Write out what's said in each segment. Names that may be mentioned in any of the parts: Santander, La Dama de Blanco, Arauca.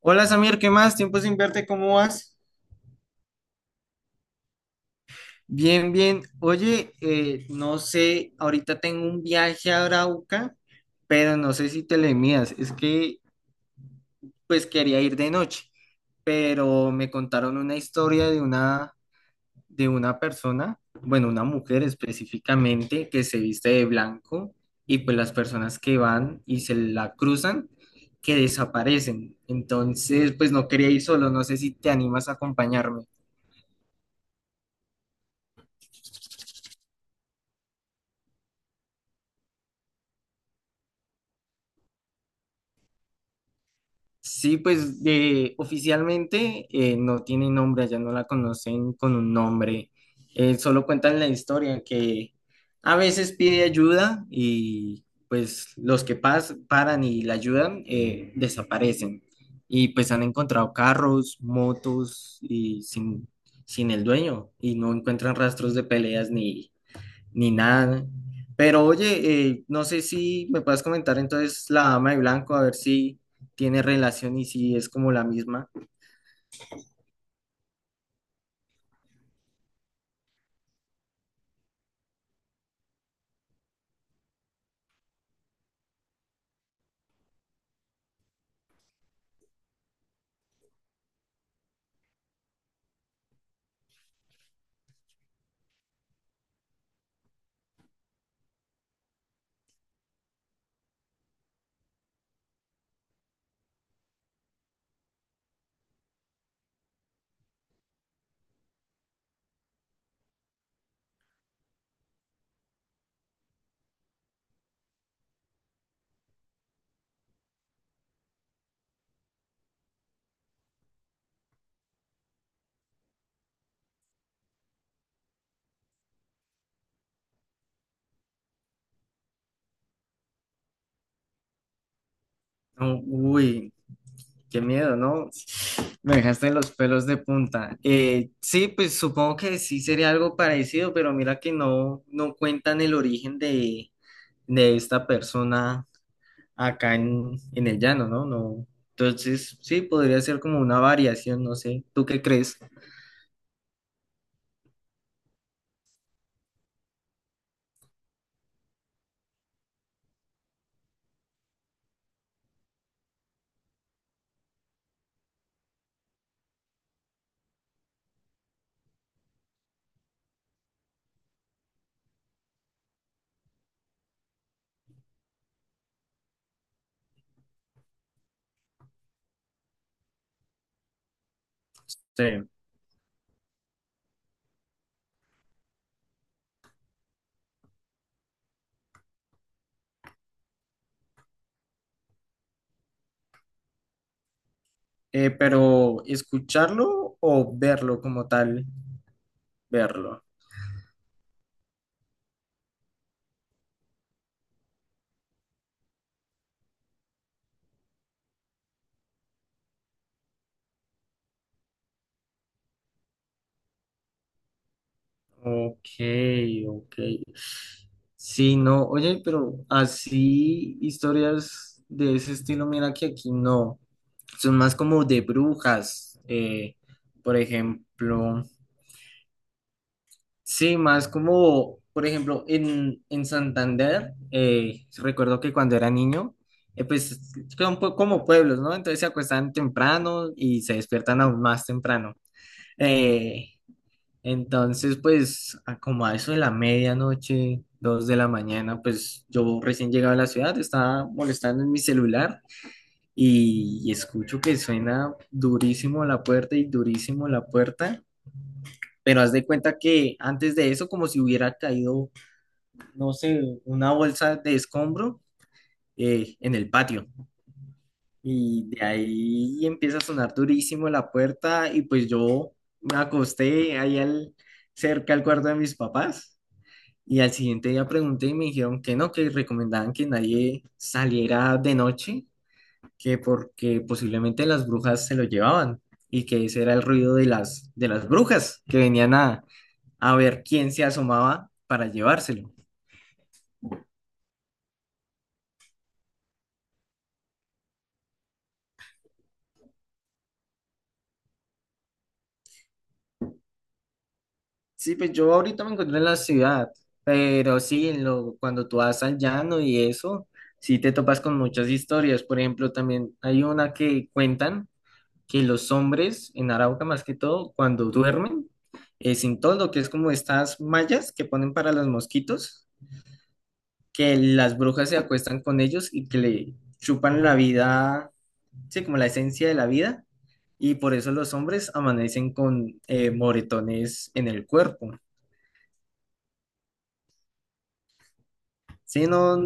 Hola Samir, ¿qué más? Tiempo sin verte, ¿cómo vas? Bien, bien. Oye, no sé, ahorita tengo un viaje a Arauca, pero no sé si te le midas. Quería ir de noche, pero me contaron una historia de una persona, bueno, una mujer específicamente, que se viste de blanco y pues las personas que van y se la cruzan, que desaparecen. Entonces, pues, no quería ir solo, no sé si te animas a acompañarme. Sí, pues de, oficialmente no tiene nombre, allá no la conocen con un nombre. Solo cuentan la historia que a veces pide ayuda y pues los que paran y la ayudan, desaparecen y pues. Han encontrado carros, motos y sin el dueño y no encuentran rastros de peleas ni nada. Pero oye, no sé si me puedes comentar entonces La Dama de Blanco, a ver si tiene relación y si es como la misma. No, uy, qué miedo, ¿no? Me dejaste los pelos de punta. Sí, pues supongo que sí sería algo parecido, pero mira que no, no cuentan el origen de esta persona acá en el llano, ¿no? No. Entonces, sí, podría ser como una variación, no sé. ¿Tú qué crees? Sí. Pero escucharlo o verlo como tal, verlo. Ok, ok. Sí, no, oye, pero así historias de ese estilo, mira que aquí no. Son más como de brujas, por ejemplo. Sí, más como, por ejemplo, en Santander, recuerdo que cuando era niño, pues son como pueblos, ¿no? Entonces se acuestan temprano y se despiertan aún más temprano. Eh, a como a eso de la medianoche, dos de la mañana, pues yo recién llegaba a la ciudad, estaba molestando en mi celular y escucho que suena durísimo la puerta y durísimo la puerta, pero haz de cuenta que antes de eso, como si hubiera caído, no sé, una bolsa de escombro, en el patio. Y de ahí empieza a sonar durísimo la puerta y pues yo me acosté cerca al cuarto de mis papás y al siguiente día pregunté y me dijeron que no, que recomendaban que nadie saliera de noche, que porque posiblemente las brujas se lo llevaban y que ese era el ruido de de las brujas que venían a ver quién se asomaba para llevárselo. Sí, pues yo ahorita me encuentro en la ciudad, pero sí, cuando tú vas al llano y eso, sí te topas con muchas historias. Por ejemplo, también hay una que cuentan que los hombres en Arauca, más que todo, cuando duermen, sin toldo, que es como estas mallas que ponen para los mosquitos, que las brujas se acuestan con ellos y que le chupan la vida, sí, como la esencia de la vida, y por eso los hombres amanecen con moretones en el cuerpo. Sí, no,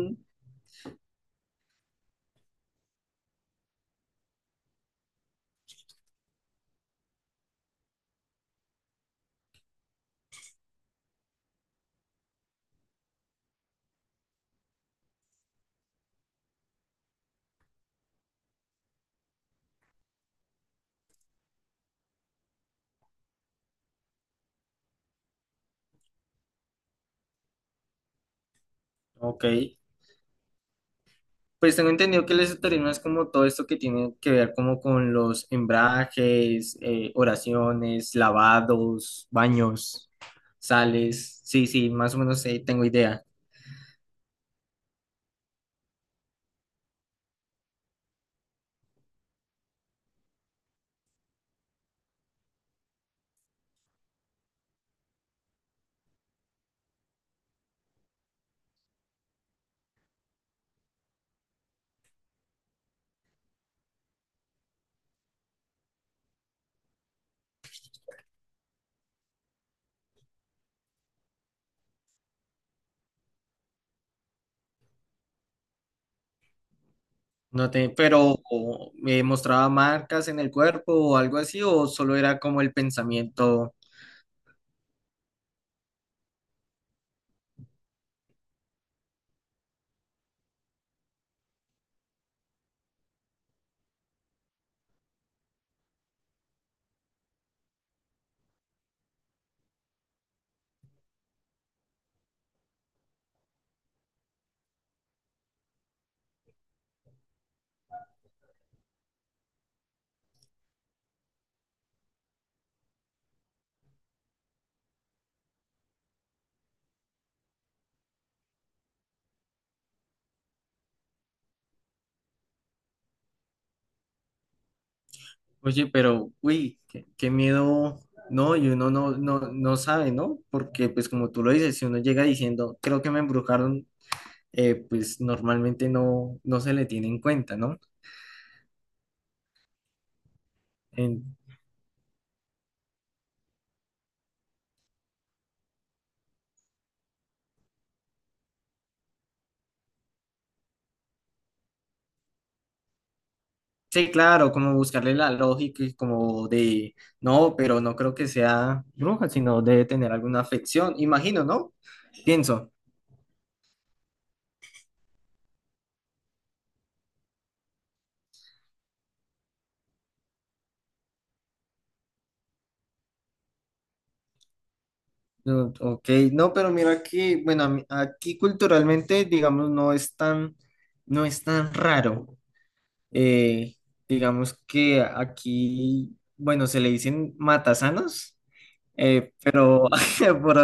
Ok, pues tengo entendido que el esoterismo es como todo esto que tiene que ver como con los embrajes, oraciones, lavados, baños, sales. Sí, sí, más o menos, tengo idea. No te, pero o, ¿me mostraba marcas en el cuerpo o algo así o solo era como el pensamiento? Oye, pero uy, qué, qué miedo. No, y uno no, no, no sabe, ¿no? Porque pues como tú lo dices, si uno llega diciendo, creo que me embrujaron, pues normalmente no, no se le tiene en cuenta, ¿no? En- sí, claro, como buscarle la lógica y no, pero no creo que sea bruja, sino debe tener alguna afección, imagino, ¿no? Pienso. No, Ok, no, pero mira que, bueno, aquí culturalmente, digamos, no es tan raro. Eh, digamos que aquí, bueno, se le dicen matasanos, pero por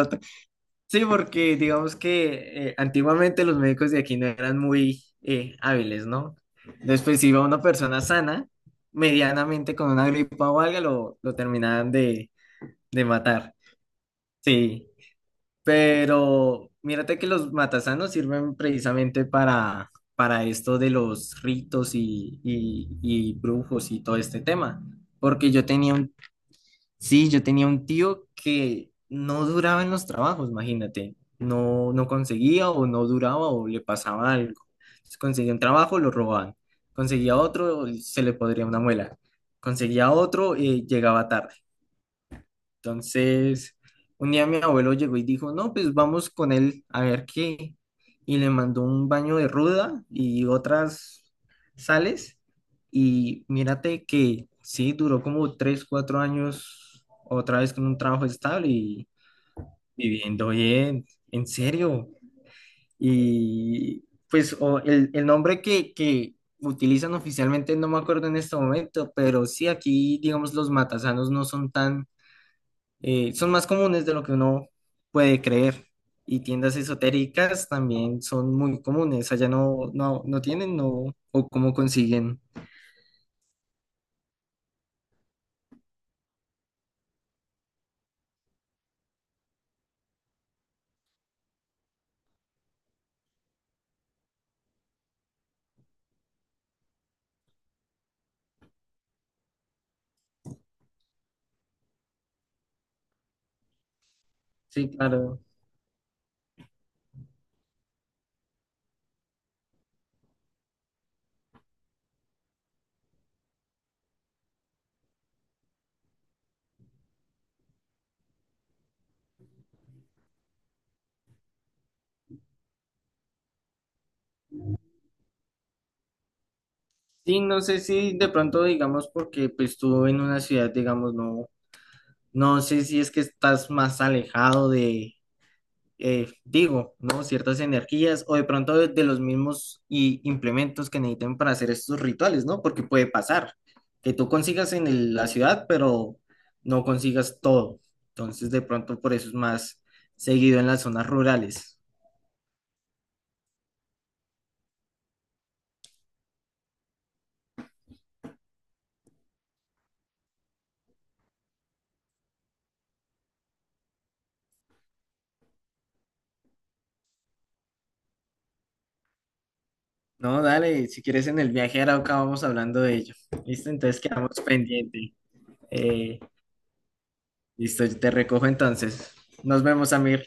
sí, porque digamos que antiguamente los médicos de aquí no eran muy, hábiles, ¿no? Después si iba una persona sana, medianamente con una gripa o algo, lo terminaban de matar. Sí, pero mírate que los matasanos sirven precisamente para esto de los ritos y brujos y todo este tema. Porque yo tenía un sí, yo tenía un tío que no duraba en los trabajos, imagínate. No, no conseguía o no duraba o le pasaba algo. Entonces, conseguía un trabajo, lo robaban. Conseguía otro, se le podría una muela. Conseguía otro, y llegaba tarde. Entonces, un día mi abuelo llegó y dijo, no, pues vamos con él a ver qué. Y le mandó un baño de ruda y otras sales. Y mírate que sí, duró como tres, cuatro años otra vez con un trabajo estable y viviendo bien, en serio. Y pues o el nombre que utilizan oficialmente no me acuerdo en este momento, pero sí, aquí digamos los matasanos no son tan, son más comunes de lo que uno puede creer. Y tiendas esotéricas también son muy comunes. Allá no, no, no tienen, no, o cómo consiguen. Sí, claro. Sí, no sé si de pronto, digamos, porque pues tú en una ciudad, digamos, no, no sé si es que estás más alejado de, digo, ¿no? Ciertas energías o de pronto de los mismos y implementos que necesiten para hacer estos rituales, ¿no? Porque puede pasar que tú consigas en la ciudad, pero no consigas todo. Entonces, de pronto por eso es más seguido en las zonas rurales. No, dale, si quieres en el viaje a Arauca vamos hablando de ello. ¿Listo? Entonces quedamos pendiente. Eh, listo, yo te recojo entonces. Nos vemos, Amir.